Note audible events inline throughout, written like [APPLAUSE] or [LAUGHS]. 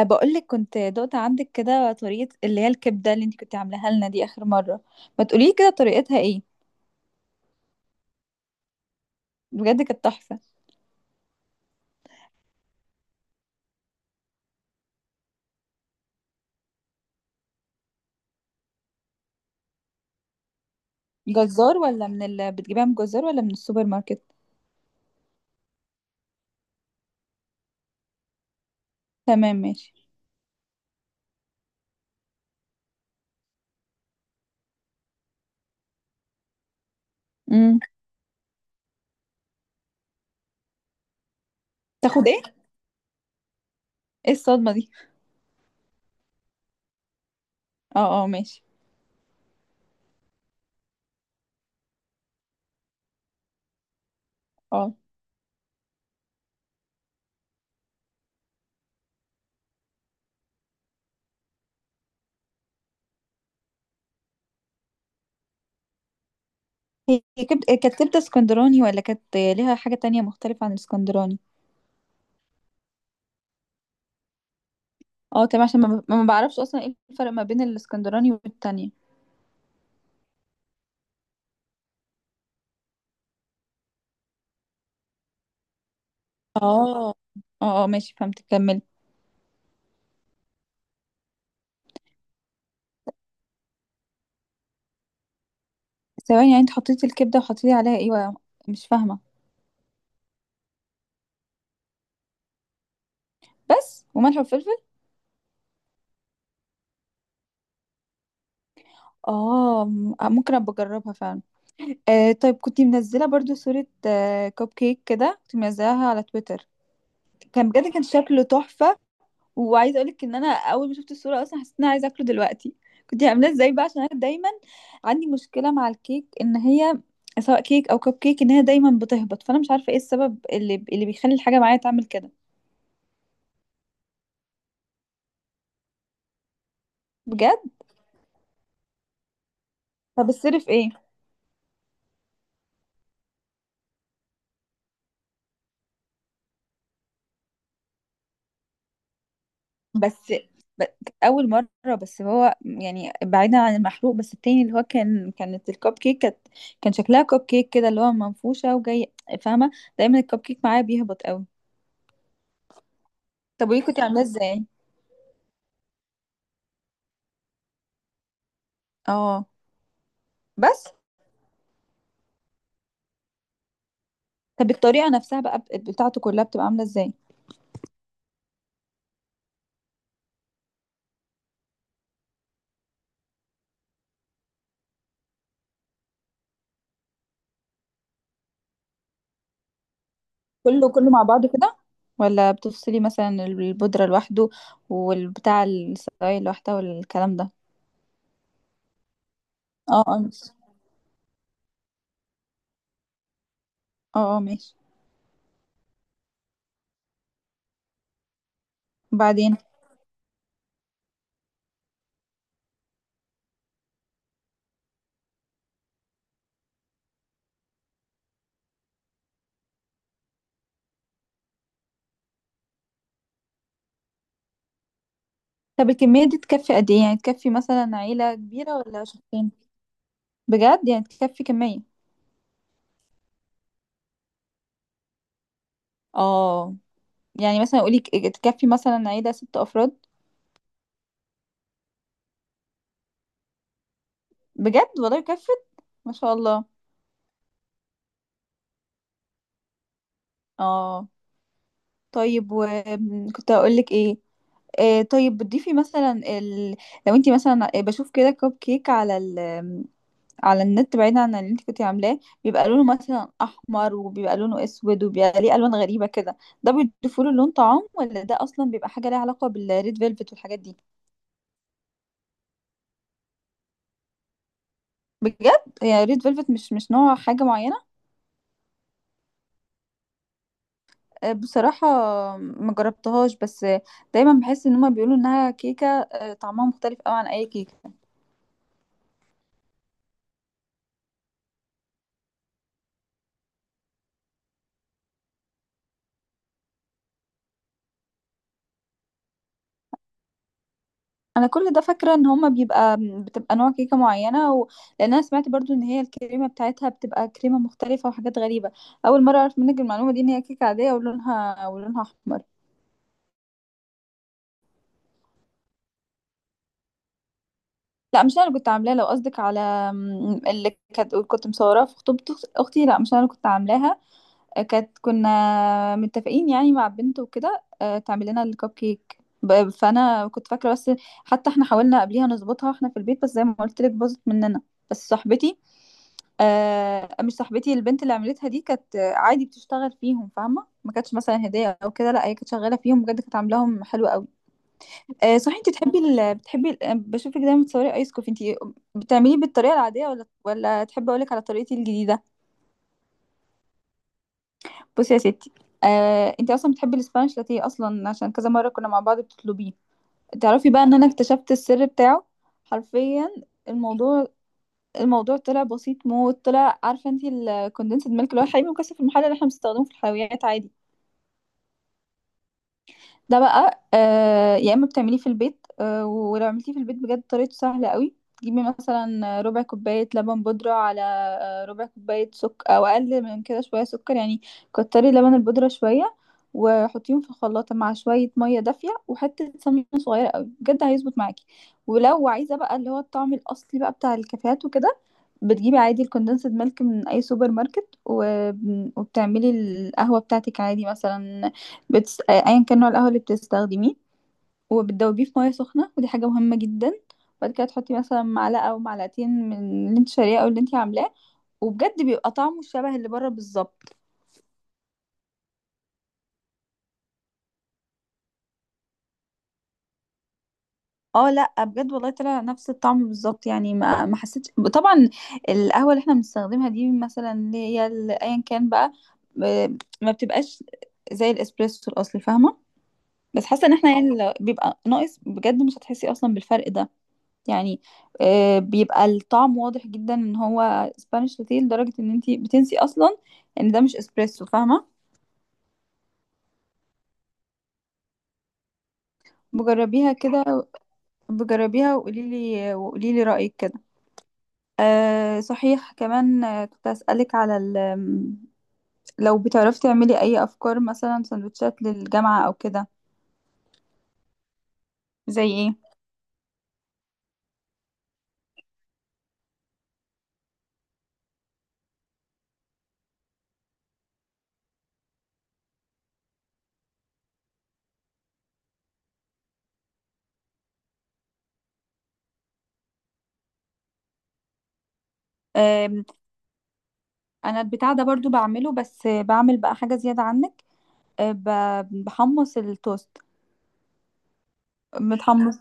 بقولك كنت دقت عندك كده طريقة اللي هي الكبدة اللي انت كنت عاملاها لنا دي آخر مرة. ما تقولي كده طريقتها ايه؟ بجد كانت تحفة. جزار ولا من بتجيبها من جزار ولا من السوبر ماركت؟ تمام ماشي. امم تاخد ايه؟ ايه الصدمة دي؟ اه اه ماشي. اه هي كانت كبدة اسكندراني ولا كانت ليها حاجة تانية مختلفة عن الاسكندراني؟ اه تمام، عشان ما بعرفش اصلا ايه الفرق ما بين الاسكندراني والتانية. اه اه اه ماشي، فهمت، كملي. ثواني، يعني انت حطيتي الكبدة وحطيتي عليها ايه؟ مش فاهمة. بس وملح وفلفل؟ اه، ممكن ابقى اجربها فعلا. طيب، كنت منزله برضو صوره كوب كيك كده، كنت منزلها على تويتر. كان بجد كان شكله تحفه، وعايزه اقولك ان انا اول ما شفت الصوره اصلا حسيت ان انا عايزه اكله دلوقتي. كنت عاملاه ازاي بقى؟ عشان انا دايما عندي مشكله مع الكيك، ان هي سواء كيك او كوب كيك، ان هي دايما بتهبط، فانا مش عارفه ايه السبب اللي بيخلي الحاجه معايا تعمل كده. بجد؟ طب السر في ايه؟ بس ب- اول مره، بس هو يعني بعيدا عن المحروق، بس التاني اللي هو كانت الكب كيك كانت، كان شكلها كب كيك كده اللي هو منفوشه وجاي، فاهمه؟ دايما الكب كيك معايا بيهبط قوي. طب ودي كنت عاملاه ازاي؟ اه. بس. طب الطريقه نفسها بقى بتاعته كلها بتبقى عامله ازاي؟ كله كله مع بعضه كده، ولا بتفصلي مثلا البودره لوحده والبتاع السرايل لوحدها والكلام ده؟ اه اه ماشي. اه اه ماشي. وبعدين؟ طب الكمية دي تكفي قد ايه؟ يعني تكفي مثلا عيلة كبيرة ولا شخصين؟ بجد؟ يعني تكفي كمية. اه، يعني مثلا قولي، تكفي مثلا عيلة ست افراد؟ بجد والله كفت؟ ما شاء الله. اه طيب، وكنت هقول لك ايه؟ طيب، بتضيفي مثلا لو انتي مثلا، بشوف كده كب كيك على على النت بعيدا عن اللي انت كنتي عاملاه، بيبقى لونه مثلا احمر، وبيبقى لونه اسود، وبيبقى ليه الوان غريبه كده. ده بيضيفوا له لون طعام، ولا ده اصلا بيبقى حاجه ليها علاقه بالريد فيلفت والحاجات دي؟ بجد؟ هي ريد فيلفت مش نوع حاجه معينه؟ بصراحه ما جربتهاش، بس دايما بحس ان هما بيقولوا انها كيكه، طعمها مختلف قوي عن اي كيكه. انا كل ده فاكره ان هما بتبقى نوع كيكه معينه و... لان انا سمعت برضو ان هي الكريمه بتاعتها بتبقى كريمه مختلفه وحاجات غريبه. اول مره اعرف منك المعلومه دي، ان هي كيكه عاديه ولونها احمر. لا، مش انا اللي كنت عاملاها. لو قصدك على اللي كانت كنت مصوراها في خطوبه اختي، لا مش انا اللي كنت عاملاها. كانت كنا متفقين يعني مع بنت وكده، تعمل لنا الكب كيك، فانا كنت فاكره بس. حتى احنا حاولنا قبليها نظبطها احنا في البيت، بس زي ما قلت لك باظت مننا. بس صاحبتي، مش صاحبتي، البنت اللي عملتها دي كانت عادي بتشتغل فيهم، فاهمه؟ ما كانتش مثلا هديه او كده، لا هي كانت شغاله فيهم بجد، كانت عاملاهم حلو قوي. صحيح، انت بتحبي بتحبي ال... آه، بشوفك دايما بتصوري ايس كوفي، انت بتعمليه بالطريقه العاديه، ولا تحبي اقول لك على طريقتي الجديده؟ بصي يا ستي. انت اصلا بتحبي الاسبانيش لاتيه اصلا، عشان كذا مره كنا مع بعض بتطلبيه. تعرفي بقى ان انا اكتشفت السر بتاعه؟ حرفيا. الموضوع الموضوع طلع بسيط موت. طلع، عارفه انت الكوندنسد ميلك، اللي هو الحليب المكثف المحلى اللي احنا بنستخدمه في الحلويات عادي؟ ده بقى يا اما بتعمليه في البيت، ولو عملتيه في البيت بجد طريقته سهله قوي. تجيبي مثلا ربع كوبايه لبن بودره على، ربع كوبايه سكر، او اقل من كده شويه سكر يعني، كتري لبن البودره شويه، وحطيهم في الخلاطه مع شويه ميه دافيه وحته سمنه صغيره قوي، بجد هيظبط معاكي. ولو عايزه بقى اللي هو الطعم الاصلي بقى بتاع الكافيهات وكده، بتجيبي عادي الكوندنسد ميلك من اي سوبر ماركت، وبتعملي القهوه بتاعتك عادي، مثلا ايا كان نوع القهوه اللي بتستخدميه، وبتدوبيه في ميه سخنه، ودي حاجه مهمه جدا. بعد كده تحطي مثلا معلقه او معلقتين من اللي انت شارياه او اللي انت عاملاه، وبجد بيبقى طعمه شبه اللي بره بالظبط. اه لا بجد والله طلع نفس الطعم بالظبط. يعني ما حسيتش، طبعا القهوه اللي احنا بنستخدمها دي مثلا اللي هي ايا كان بقى، ب- ما بتبقاش زي الاسبريسو الاصلي، فاهمه؟ بس حاسه ان احنا يعني لو بيبقى ناقص، بجد مش هتحسي اصلا بالفرق ده. يعني، بيبقى الطعم واضح جدا ان هو سبانيش لاتيه، لدرجه ان انتي بتنسي اصلا ان ده مش اسبريسو، فاهمه؟ بجربيها كده، بجربيها وقولي لي، وقولي لي رايك كده. أه صحيح كمان، كنت اسالك على ال- آم، لو بتعرفي تعملي اي افكار مثلا سندوتشات للجامعه او كده؟ زي ايه؟ أه، انا البتاع ده برضو بعمله، بس بعمل بقى حاجه زياده عنك، بحمص التوست. متحمص؟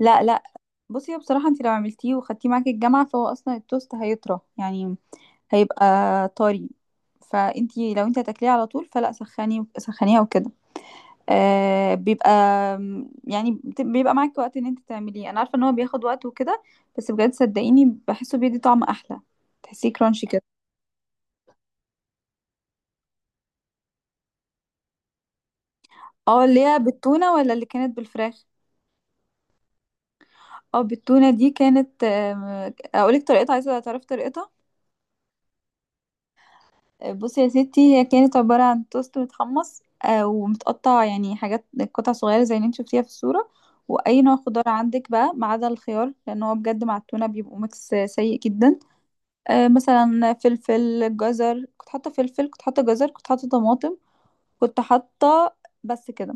لا لا. بصي، هو بصراحة انت لو عملتيه وخدتيه معاكي الجامعة، فهو اصلا التوست هيطرى يعني، هيبقى طري. فانت لو انت هتاكليه على طول، فلا، سخني سخنيها وكده. بيبقى، يعني بيبقى معاكي وقت ان انت تعمليه، انا عارفة ان هو بياخد وقت وكده، بس بجد صدقيني بحسه بيدي طعم احلى، تحسيه كرانشي كده. اه اللي هي بالتونة ولا اللي كانت بالفراخ؟ اه، بالتونة دي كانت، اقولك طريقتها؟ عايزة تعرفي طريقتها؟ بصي يا ستي، هي كانت عبارة عن توست متحمص ومتقطع، يعني حاجات قطع صغيرة زي اللي انت شفتيها في الصورة، وأي نوع خضار عندك بقى ما عدا الخيار، لأن هو بجد مع التونة بيبقوا ميكس سيء جدا. مثلا فلفل، جزر، كنت حاطة فلفل، كنت حاطة جزر، كنت حاطة طماطم، كنت حاطة، بس كده.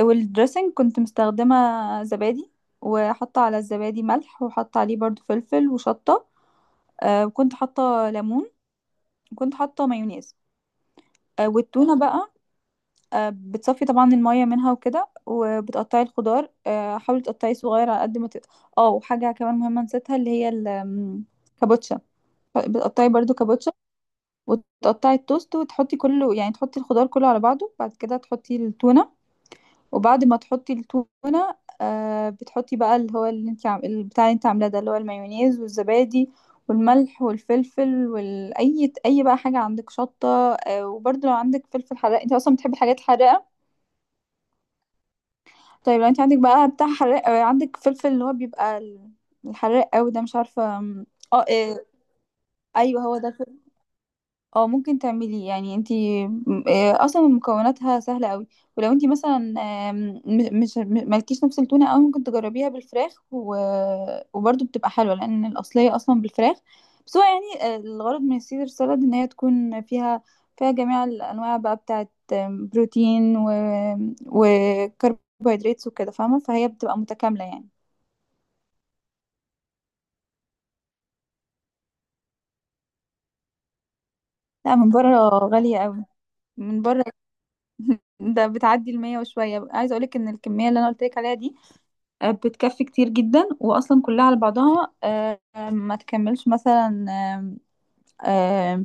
والدريسنج كنت مستخدمة زبادي، وحاطة على الزبادي ملح، وحاطة عليه برضو فلفل وشطة، وكنت حاطة ليمون، وكنت حاطة مايونيز. والتونة بقى، بتصفي طبعا المية منها وكده، وبتقطعي الخضار، حاولي تقطعيه صغير على قد ما تقدر. اه وحاجة كمان مهمة نسيتها، اللي هي الكابوتشا، بتقطعي برضو كابوتشا، وتقطعي التوست، وتحطي كله، يعني تحطي الخضار كله على بعضه، بعد كده تحطي التونة، وبعد ما تحطي التونة بتحطي بقى اللي هو، اللي انت البتاع اللي انت عاملاه ده، اللي هو المايونيز والزبادي والملح والفلفل، والاي بقى حاجه عندك، شطه، وبرضو لو عندك فلفل حراق، انت اصلا بتحبي الحاجات الحراقه. طيب لو انت عندك بقى بتاع حراق، عندك فلفل اللي هو بيبقى الحراق قوي ده، مش عارفه. اه ايوه هو ده. اه، ممكن تعملي، يعني انتي اصلا مكوناتها سهله قوي. ولو انتي مثلا مش مالكيش نفس التونه قوي، ممكن تجربيها بالفراخ و... وبرضه بتبقى حلوه، لان الاصليه اصلا بالفراخ. بس هو يعني، الغرض من السيزر سالاد ان هي تكون فيها جميع الانواع بقى بتاعت، بروتين و... وكربوهيدرات وكده، فاهمه؟ فهي بتبقى متكامله يعني. لا من بره غاليه قوي. من بره [LAUGHS] ده بتعدي المية وشوية. عايزة اقولك ان الكمية اللي انا قلتلك عليها دي، بتكفي كتير جدا، واصلا كلها على بعضها ما تكملش مثلا آه،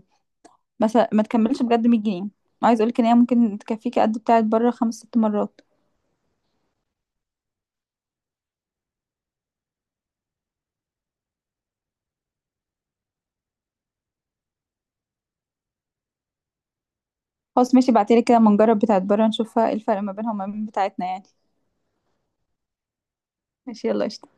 مثلا ما تكملش بجد 100 جنيه. عايز اقولك ان هي ممكن تكفيك قد بتاعت بره خمس ست مرات. خلاص ماشي، بعتلي كده، ما نجرب بتاعت بره، نشوف الفرق ما بينها وما بين بتاعتنا يعني. ماشي، يلا قشطة.